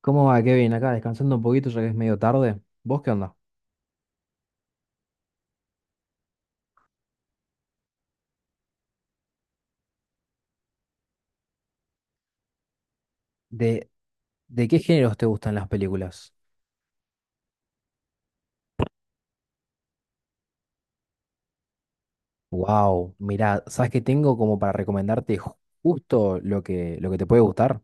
¿Cómo va, Kevin? Acá descansando un poquito ya que es medio tarde. ¿Vos qué onda? ¿De, de qué géneros te gustan las películas? Wow, mirá, ¿sabes qué tengo como para recomendarte justo lo que te puede gustar?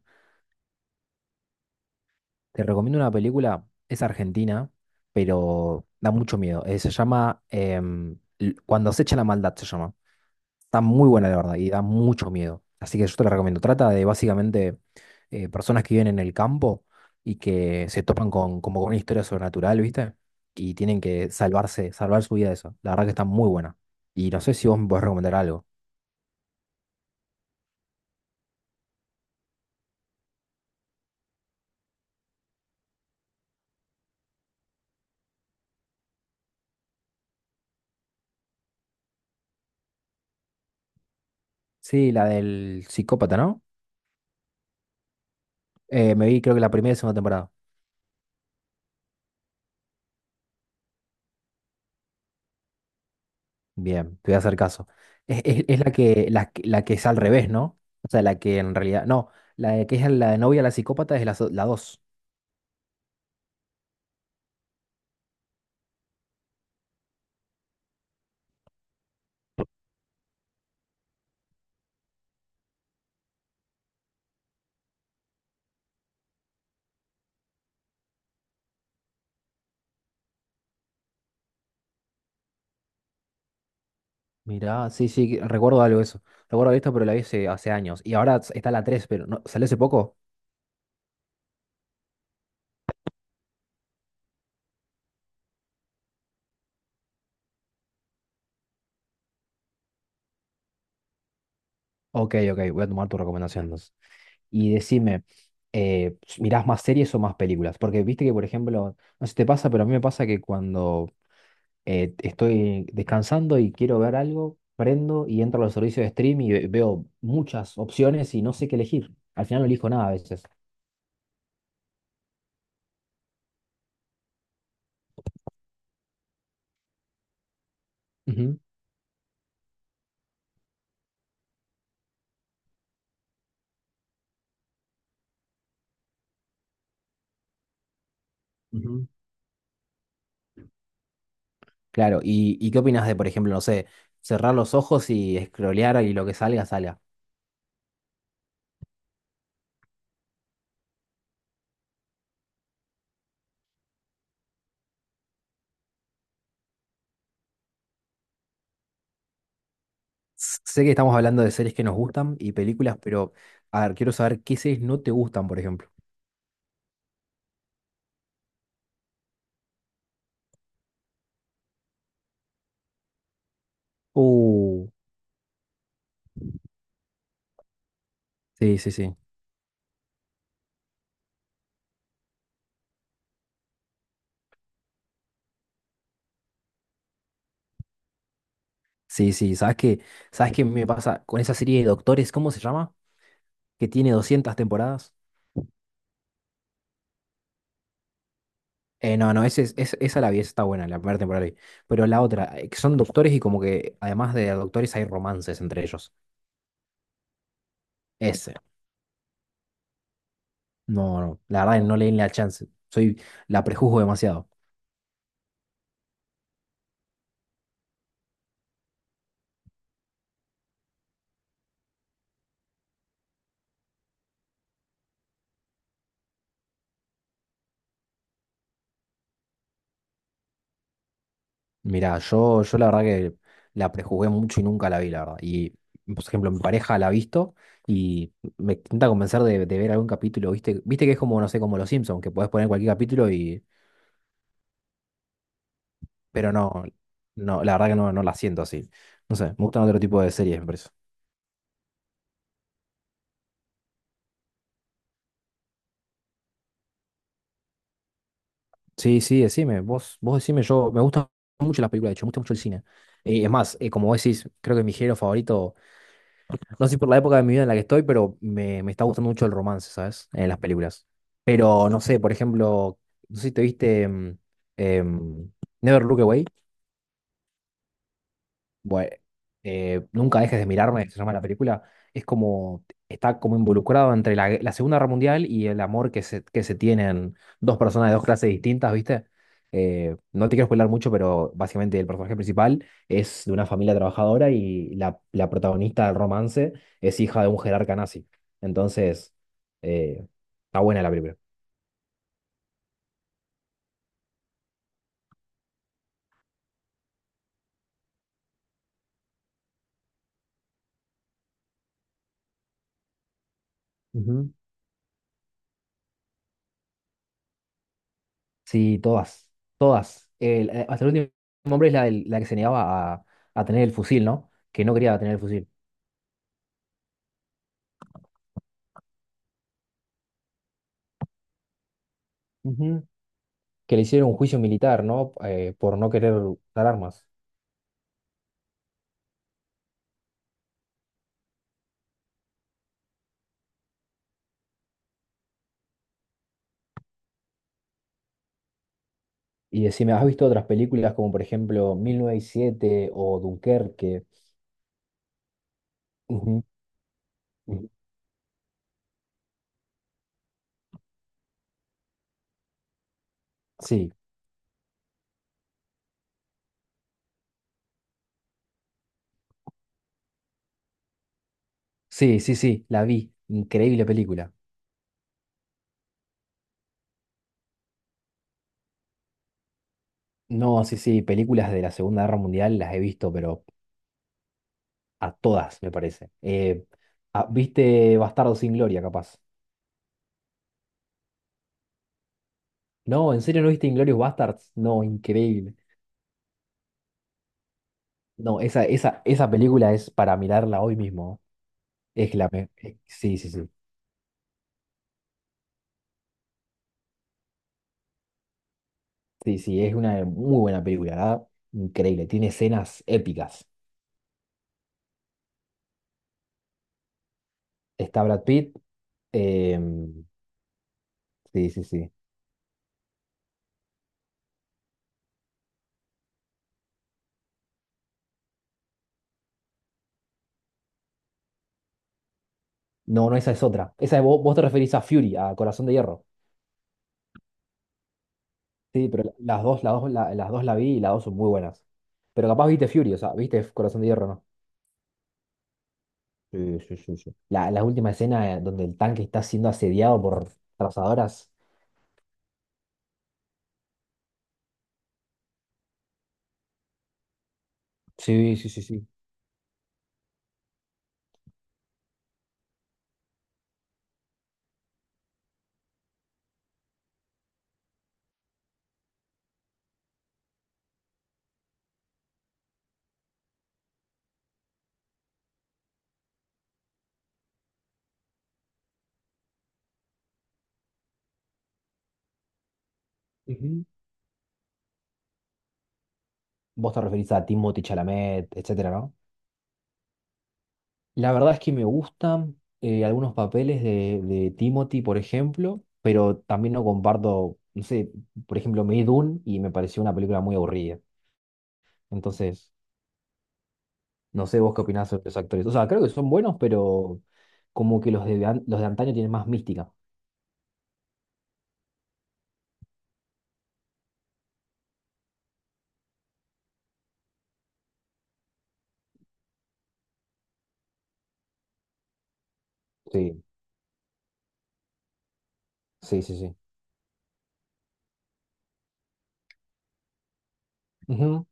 Te recomiendo una película, es argentina, pero da mucho miedo. Se llama Cuando se echa la maldad, se llama. Está muy buena, la verdad, y da mucho miedo. Así que yo te la recomiendo. Trata de básicamente personas que viven en el campo y que se topan con, como con una historia sobrenatural, ¿viste? Y tienen que salvarse, salvar su vida de eso. La verdad que está muy buena. Y no sé si vos me podés recomendar algo. Sí, la del psicópata, ¿no? Me vi creo que la primera y segunda temporada. Bien, te voy a hacer caso. Es la que, la, que la que es al revés, ¿no? O sea, la que en realidad. No, la de que es la novia la psicópata es la, la dos. Mirá, sí, sí, recuerdo algo de eso. Recuerdo esto, pero la vi hace, hace años. Y ahora está la tres, pero no, ¿salió hace poco? Ok, ok, voy a tomar tu recomendación entonces. Y decime, ¿mirás más series o más películas? Porque viste que, por ejemplo, no sé si te pasa, pero a mí me pasa que cuando estoy descansando y quiero ver algo, prendo y entro a los servicios de stream y veo muchas opciones y no sé qué elegir. Al final no elijo nada a veces. Ujú, ujú. Claro, y qué opinas de, por ejemplo, no sé, cerrar los ojos y scrollear y lo que salga, salga? Sé que estamos hablando de series que nos gustan y películas, pero a ver, quiero saber qué series no te gustan, por ejemplo. Uh, sí, sí, sí. Sí, sí, ¿sabes qué? ¿Sabes qué me pasa con esa serie de Doctores? ¿Cómo se llama? Que tiene 200 temporadas. No, no, ese, esa la vi, esa está buena, la primera temporada la vi. Pero la otra, que son doctores y como que además de doctores hay romances entre ellos. Ese. No, no, la verdad que no le di la chance. Soy, la prejuzgo demasiado. Mirá, yo la verdad que la prejuzgué mucho y nunca la vi, la verdad. Y, por ejemplo, mi pareja la ha visto y me intenta convencer de ver algún capítulo, ¿viste? Viste que es como, no sé, como Los Simpsons, que podés poner cualquier capítulo y... Pero no, no, la verdad que no, no la siento así. No sé, me gustan otro tipo de series, me parece. Sí, sí, decime, vos decime, yo me gustan mucho las películas, de hecho, me gusta mucho el cine. Es más, como vos decís, creo que mi género favorito, no sé si por la época de mi vida en la que estoy, pero me está gustando mucho el romance, ¿sabes? En las películas. Pero no sé, por ejemplo, no sé si te viste em, Never Look Away. Bueno, nunca dejes de mirarme, se llama la película. Es como, está como involucrado entre la, la Segunda Guerra Mundial y el amor que se tienen dos personas de dos clases distintas, ¿viste? No te quiero spoiler mucho, pero básicamente el personaje principal es de una familia trabajadora y la protagonista del romance es hija de un jerarca nazi. Entonces, eh, está buena la película. Ujú. Sí, todas, todas. Hasta el último hombre es la, la que se negaba a tener el fusil, ¿no? Que no quería tener el fusil. Ujú. Que le hicieron un juicio militar, ¿no? Por no querer usar armas. Y decime, ¿has visto otras películas como por ejemplo 1907 o Dunkerque? Ujú, ujú. Sí, sí, sí, sí, la vi. Increíble película. No, sí, sí, películas de la Segunda Guerra Mundial las he visto, pero a todas, me parece. Ah, ¿viste Bastardo sin Gloria, capaz? No, ¿en serio no viste Inglorious Bastards? No, increíble. No, esa película es para mirarla hoy mismo. Es sí, sí, sí. Sí, sí, es una muy buena película, ¿verdad? Increíble. Tiene escenas épicas. Está Brad Pitt. em, sí, sí, sí. No, no, esa es otra. Esa vos, vos te referís a Fury, a Corazón de Hierro. Sí, pero las dos, las dos, las dos la vi y las dos son muy buenas. Pero capaz viste Fury, o sea, viste Corazón de Hierro, ¿no? Sí, sí, sí, sí. La última escena donde el tanque está siendo asediado por trazadoras. Sí, sí, sí, sí. Ujú. Vos te referís a Timothée Chalamet, etcétera, ¿no? La verdad es que me gustan algunos papeles de Timothy, por ejemplo, pero también no comparto, no sé, por ejemplo, me vi Dune y me pareció una película muy aburrida. Entonces, no sé vos qué opinás sobre los actores. O sea, creo que son buenos, pero como que los de, los de antaño tienen más mística. Sí, sí, sí, sí. Ujú.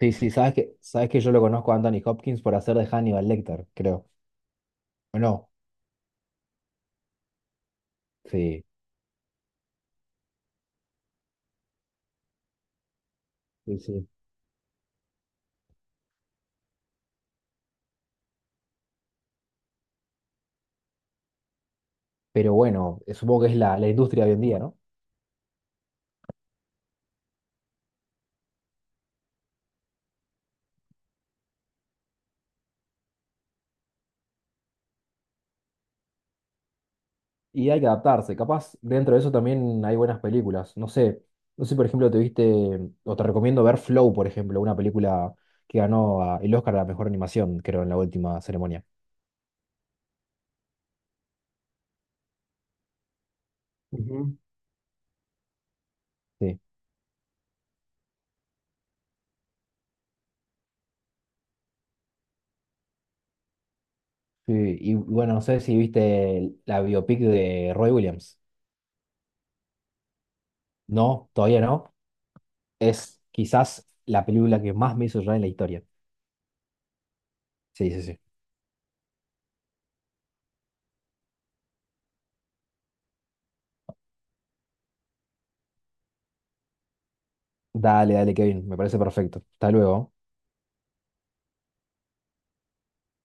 Sí, sí, sabes que yo lo conozco a Anthony Hopkins por hacer de Hannibal Lecter, creo. ¿O no? Sí, sí, sí. Pero bueno, supongo que es la, la industria hoy en día, ¿no? Y hay que adaptarse. Capaz dentro de eso también hay buenas películas. No sé, no sé, por ejemplo, te viste, mm, o te recomiendo ver Flow, por ejemplo, una película que ganó el Oscar a la mejor animación, creo, en la última ceremonia. Ujú. Sí. Sí, y bueno, no sé si viste la biopic de Roy Williams. No, todavía no. Es quizás la película que más me hizo llorar en la historia. Sí, sí, sí. Dale, dale, Kevin, me parece perfecto. Hasta luego.